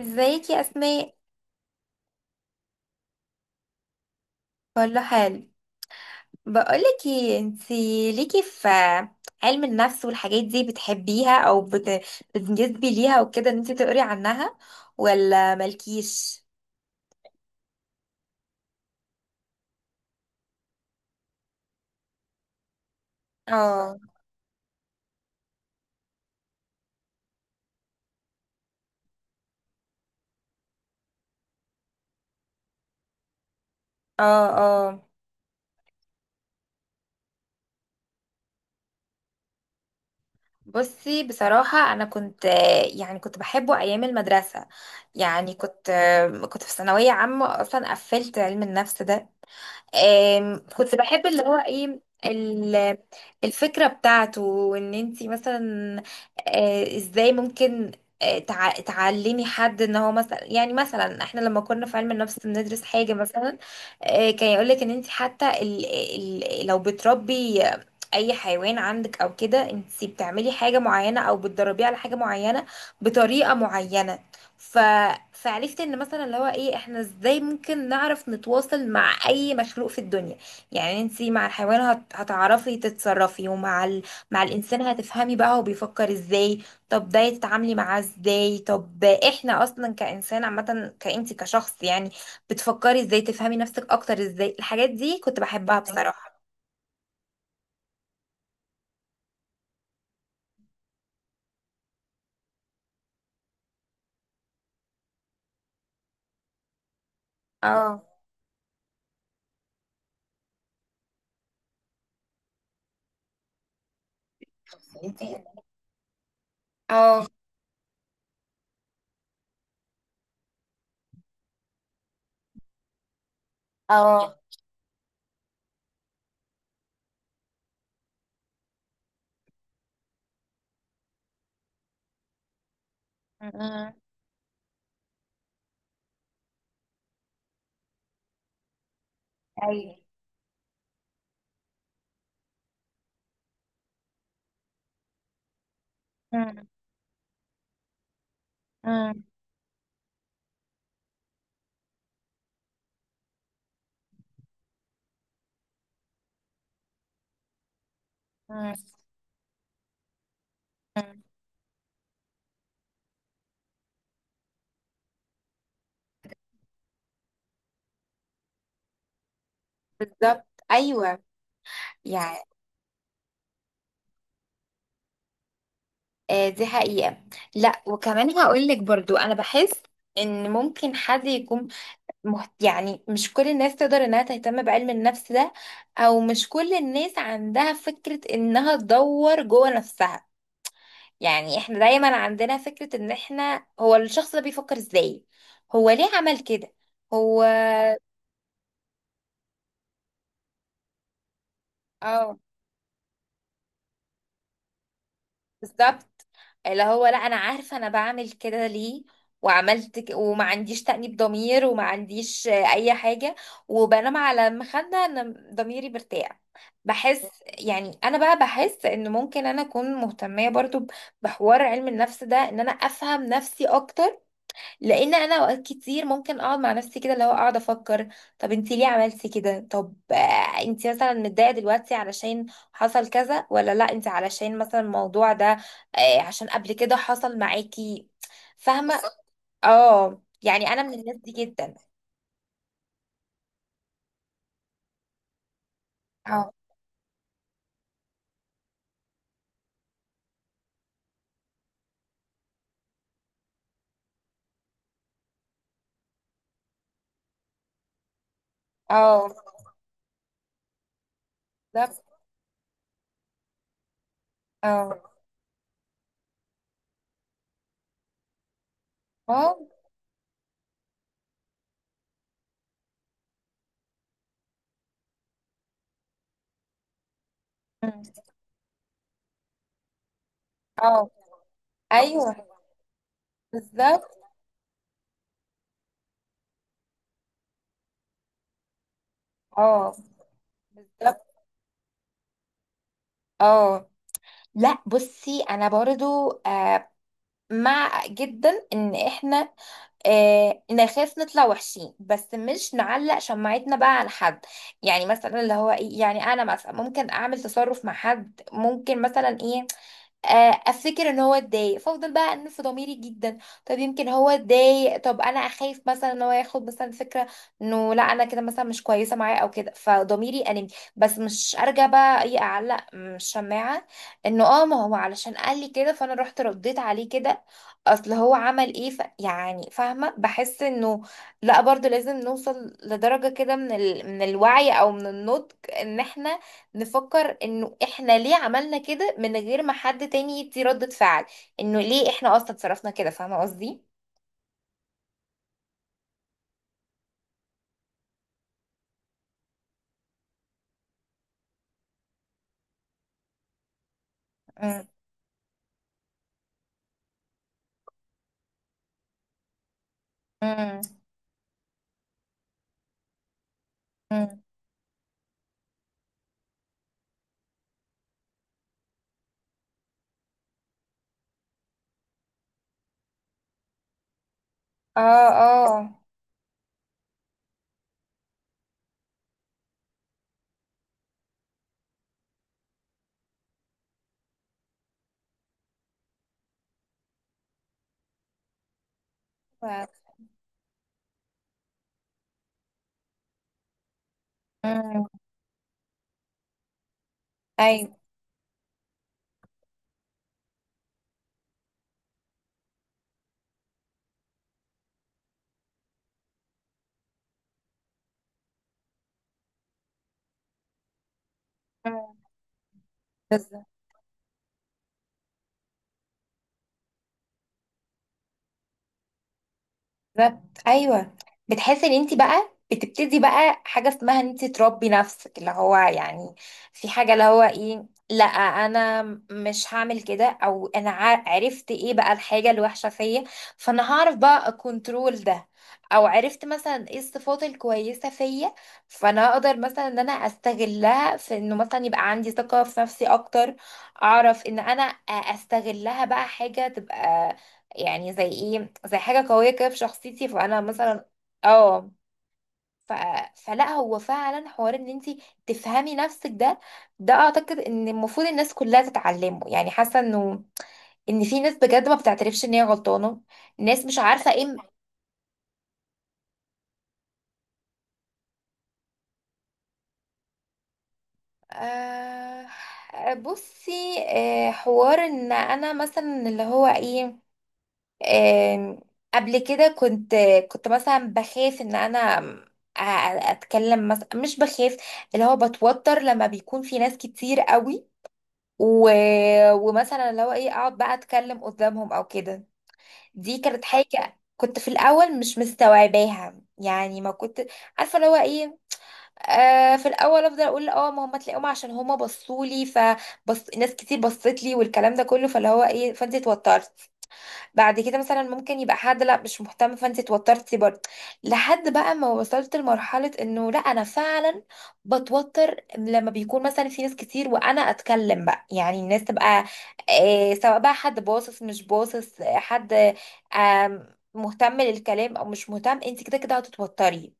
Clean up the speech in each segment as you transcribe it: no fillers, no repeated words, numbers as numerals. ازيك يا اسماء؟ كله حال. بقولك ايه، انتي ليكي في علم النفس والحاجات دي، بتحبيها او بتنجذبي ليها وكده، ان انتي تقري عنها، ولا مالكيش؟ اه، اه، اه. بصي، بصراحة انا كنت، يعني كنت بحبه ايام المدرسة، يعني كنت في ثانوية عامة، اصلا قفلت علم النفس ده. كنت بحب اللي هو ايه، ال- الفكرة بتاعته، وان انتي مثلا ازاي ممكن تعلمي حد، ان هو مثلا، يعني مثلا احنا لما كنا في علم النفس بندرس حاجة مثلا، كان يقولك ان انتي حتى ال لو بتربي اي حيوان عندك او كده، انتي بتعملي حاجة معينة او بتدربيه على حاجة معينة بطريقة معينة. ف... فعرفت ان مثلا اللي هو ايه، احنا ازاي ممكن نعرف نتواصل مع اي مخلوق في الدنيا. يعني انتي مع الحيوان هتعرفي تتصرفي، ومع مع الانسان هتفهمي بقى هو بيفكر ازاي، طب ده تتعاملي معاه ازاي، طب احنا اصلا كانسان عامة، كانتي كشخص يعني، بتفكري ازاي تفهمي نفسك اكتر، ازاي الحاجات دي كنت بحبها بصراحة. اه. انتي. اه، اه. أمم، ايوه. أمم. أمم. أمم. بالظبط، ايوه، يعني. دي حقيقة. لا، وكمان هقولك برضو انا بحس ان ممكن حد يكون، يعني مش كل الناس تقدر انها تهتم بعلم النفس ده، او مش كل الناس عندها فكرة انها تدور جوه نفسها. يعني احنا دايما عندنا فكرة ان احنا، هو الشخص ده بيفكر ازاي، هو ليه عمل كده، هو. اه. بالظبط. اللي هو لا، انا عارفه انا بعمل كده ليه، وما عنديش تأنيب ضمير، وما عنديش اي حاجه، وبنام على المخده ان ضميري مرتاح. بحس، يعني انا بقى بحس ان ممكن انا اكون مهتميه برضو بحوار علم النفس ده، ان انا افهم نفسي اكتر. لان انا اوقات كتير ممكن اقعد مع نفسي كده، اللي هو اقعد افكر، طب انت ليه عملتي كده، طب انت مثلا متضايقه دلوقتي علشان حصل كذا، ولا لا، انت علشان مثلا الموضوع ده عشان قبل كده حصل معاكي. فاهمه بالظبط. اه، يعني انا من الناس دي جدا. اه. اه. بالظبط. اه. اه. مم. اه. ايوه. بالظبط. اه. بالظبط. اه. لا، بصي، انا برضو مع جدا ان احنا نخاف نطلع وحشين، بس مش نعلق شماعتنا بقى على حد. يعني مثلا اللي هو ايه، يعني انا مثلا ممكن اعمل تصرف مع حد، ممكن مثلا ايه، افتكر ان هو اتضايق، فافضل بقى انف في ضميري جدا، طب يمكن هو اتضايق، طب انا اخاف مثلا ان هو ياخد مثلا فكره انه لا انا كده مثلا مش كويسه معاه او كده، فضميري انمي، بس مش ارجع بقى ايه اعلق من الشماعه، انه اه ما هو علشان قال لي كده، فانا رحت رديت عليه كده، اصل هو عمل ايه، يعني فاهمه. بحس انه لا برضو لازم نوصل لدرجه كده من من الوعي، او من النضج، ان احنا نفكر انه احنا ليه عملنا كده، من غير ما حد تاني يدي ردة فعل، انه ليه احنا اصلا اتصرفنا كده، فاهمة قصدي؟ مم. مم. مم. اه. اه. ف- مم. ايوه. مم. بالظبط. بالظبط، ايوه. بتحسي ان انت بقى بتبتدي بقى حاجه اسمها ان انت تربي نفسك، اللي هو يعني في حاجه اللي هو ايه، لا انا مش هعمل كده، او انا عرفت ايه بقى الحاجه الوحشه فيا، فانا هعرف بقى اكونترول ده، او عرفت مثلا ايه الصفات الكويسه فيا، فانا هقدر مثلا ان انا استغلها في انه مثلا يبقى عندي ثقه في نفسي اكتر، اعرف ان انا استغلها بقى حاجه تبقى، يعني زي ايه، زي حاجة قوية كده في شخصيتي، فانا مثلا. اه. ف... فلا، هو فعلا حوار ان انت تفهمي نفسك ده، ده اعتقد ان المفروض الناس كلها تتعلمه، يعني حاسة انه ان في ناس بجد ما بتعترفش ان هي غلطانة، ناس مش عارفة ايه. آه... بصي، حوار ان انا مثلا اللي هو ايه، آم، قبل كده كنت، كنت مثلا بخاف ان انا أ- اتكلم مثلا، مش بخاف، اللي هو بتوتر لما بيكون في ناس كتير قوي، و... ومثلا اللي هو ايه، اقعد بقى اتكلم قدامهم او كده. دي كانت حاجة كنت في الاول مش مستوعباها، يعني ما كنت عارفه اللي هو ايه، في الاول افضل اقول اه ما هم تلاقيهم عشان هم بصوا لي، فبص ناس كتير بصت لي والكلام ده كله، فاللي هو ايه فانت اتوترت، بعد كده مثلا ممكن يبقى حد لا مش مهتم، فانت اتوترتي برضه، لحد بقى ما وصلت لمرحلة انه لا انا فعلا بتوتر لما بيكون مثلا في ناس كتير وانا اتكلم بقى، يعني الناس تبقى سواء بقى حد باصص مش باصص، حد مهتم للكلام او مش مهتم، انت كده كده هتتوتري.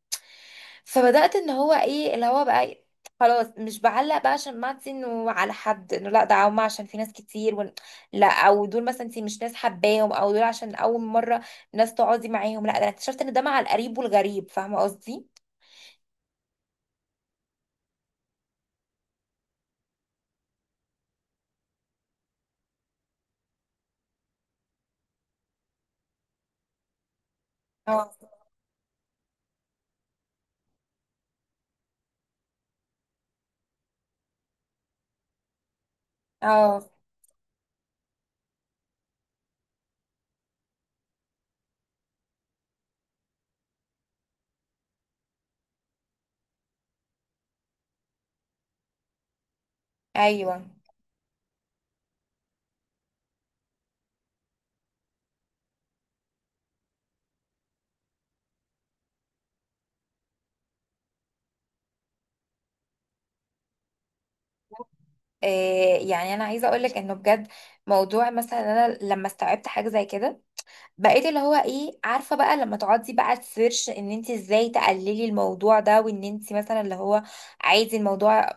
فبدأت ان هو ايه، اللي هو بقى إيه، خلاص مش بعلق بقى عشان، ما انت انه على حد انه لا ده هما عشان في ناس كتير لا، او دول مثلا انت مش ناس حباهم، او دول عشان اول مرة ناس تقعدي معاهم، لا ده انا اكتشفت ان ده مع القريب والغريب، فاهمة قصدي؟ اه. اه. ايوه. إيه، يعني انا عايزه اقول لك انه بجد، موضوع مثلا انا لما استوعبت حاجه زي كده، بقيت اللي هو ايه عارفه بقى لما تقعدي بقى تسيرش ان انت ازاي تقللي الموضوع ده، وان انت مثلا اللي هو عايزه الموضوع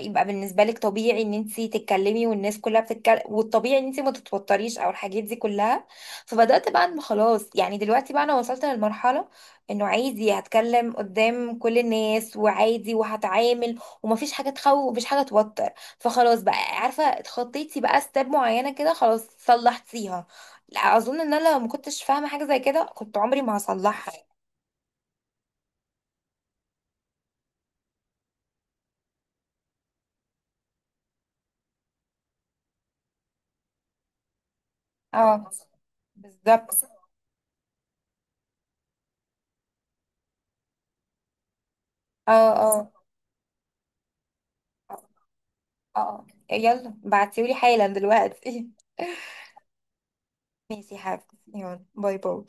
يبقى بالنسبه لك طبيعي ان انت تتكلمي والناس كلها بتتكلم، والطبيعي ان انت ما تتوتريش، او الحاجات دي كلها، فبدات بقى ان خلاص، يعني دلوقتي بقى انا وصلت للمرحله انه عادي هتكلم قدام كل الناس، وعادي وهتعامل، ومفيش حاجه تخوف ومفيش حاجه توتر، فخلاص بقى عارفه اتخطيتي بقى ستيب معينه كده، خلاص صلحتيها. لا، اظن ان انا لو ما كنتش فاهمه حاجه زي كده كنت عمري ما هصلحها. اه. بالظبط. اه. اه. اه. يلا بعتيولي حالا دلوقتي. ماشي يا حبيبتي، يلا، باي باي.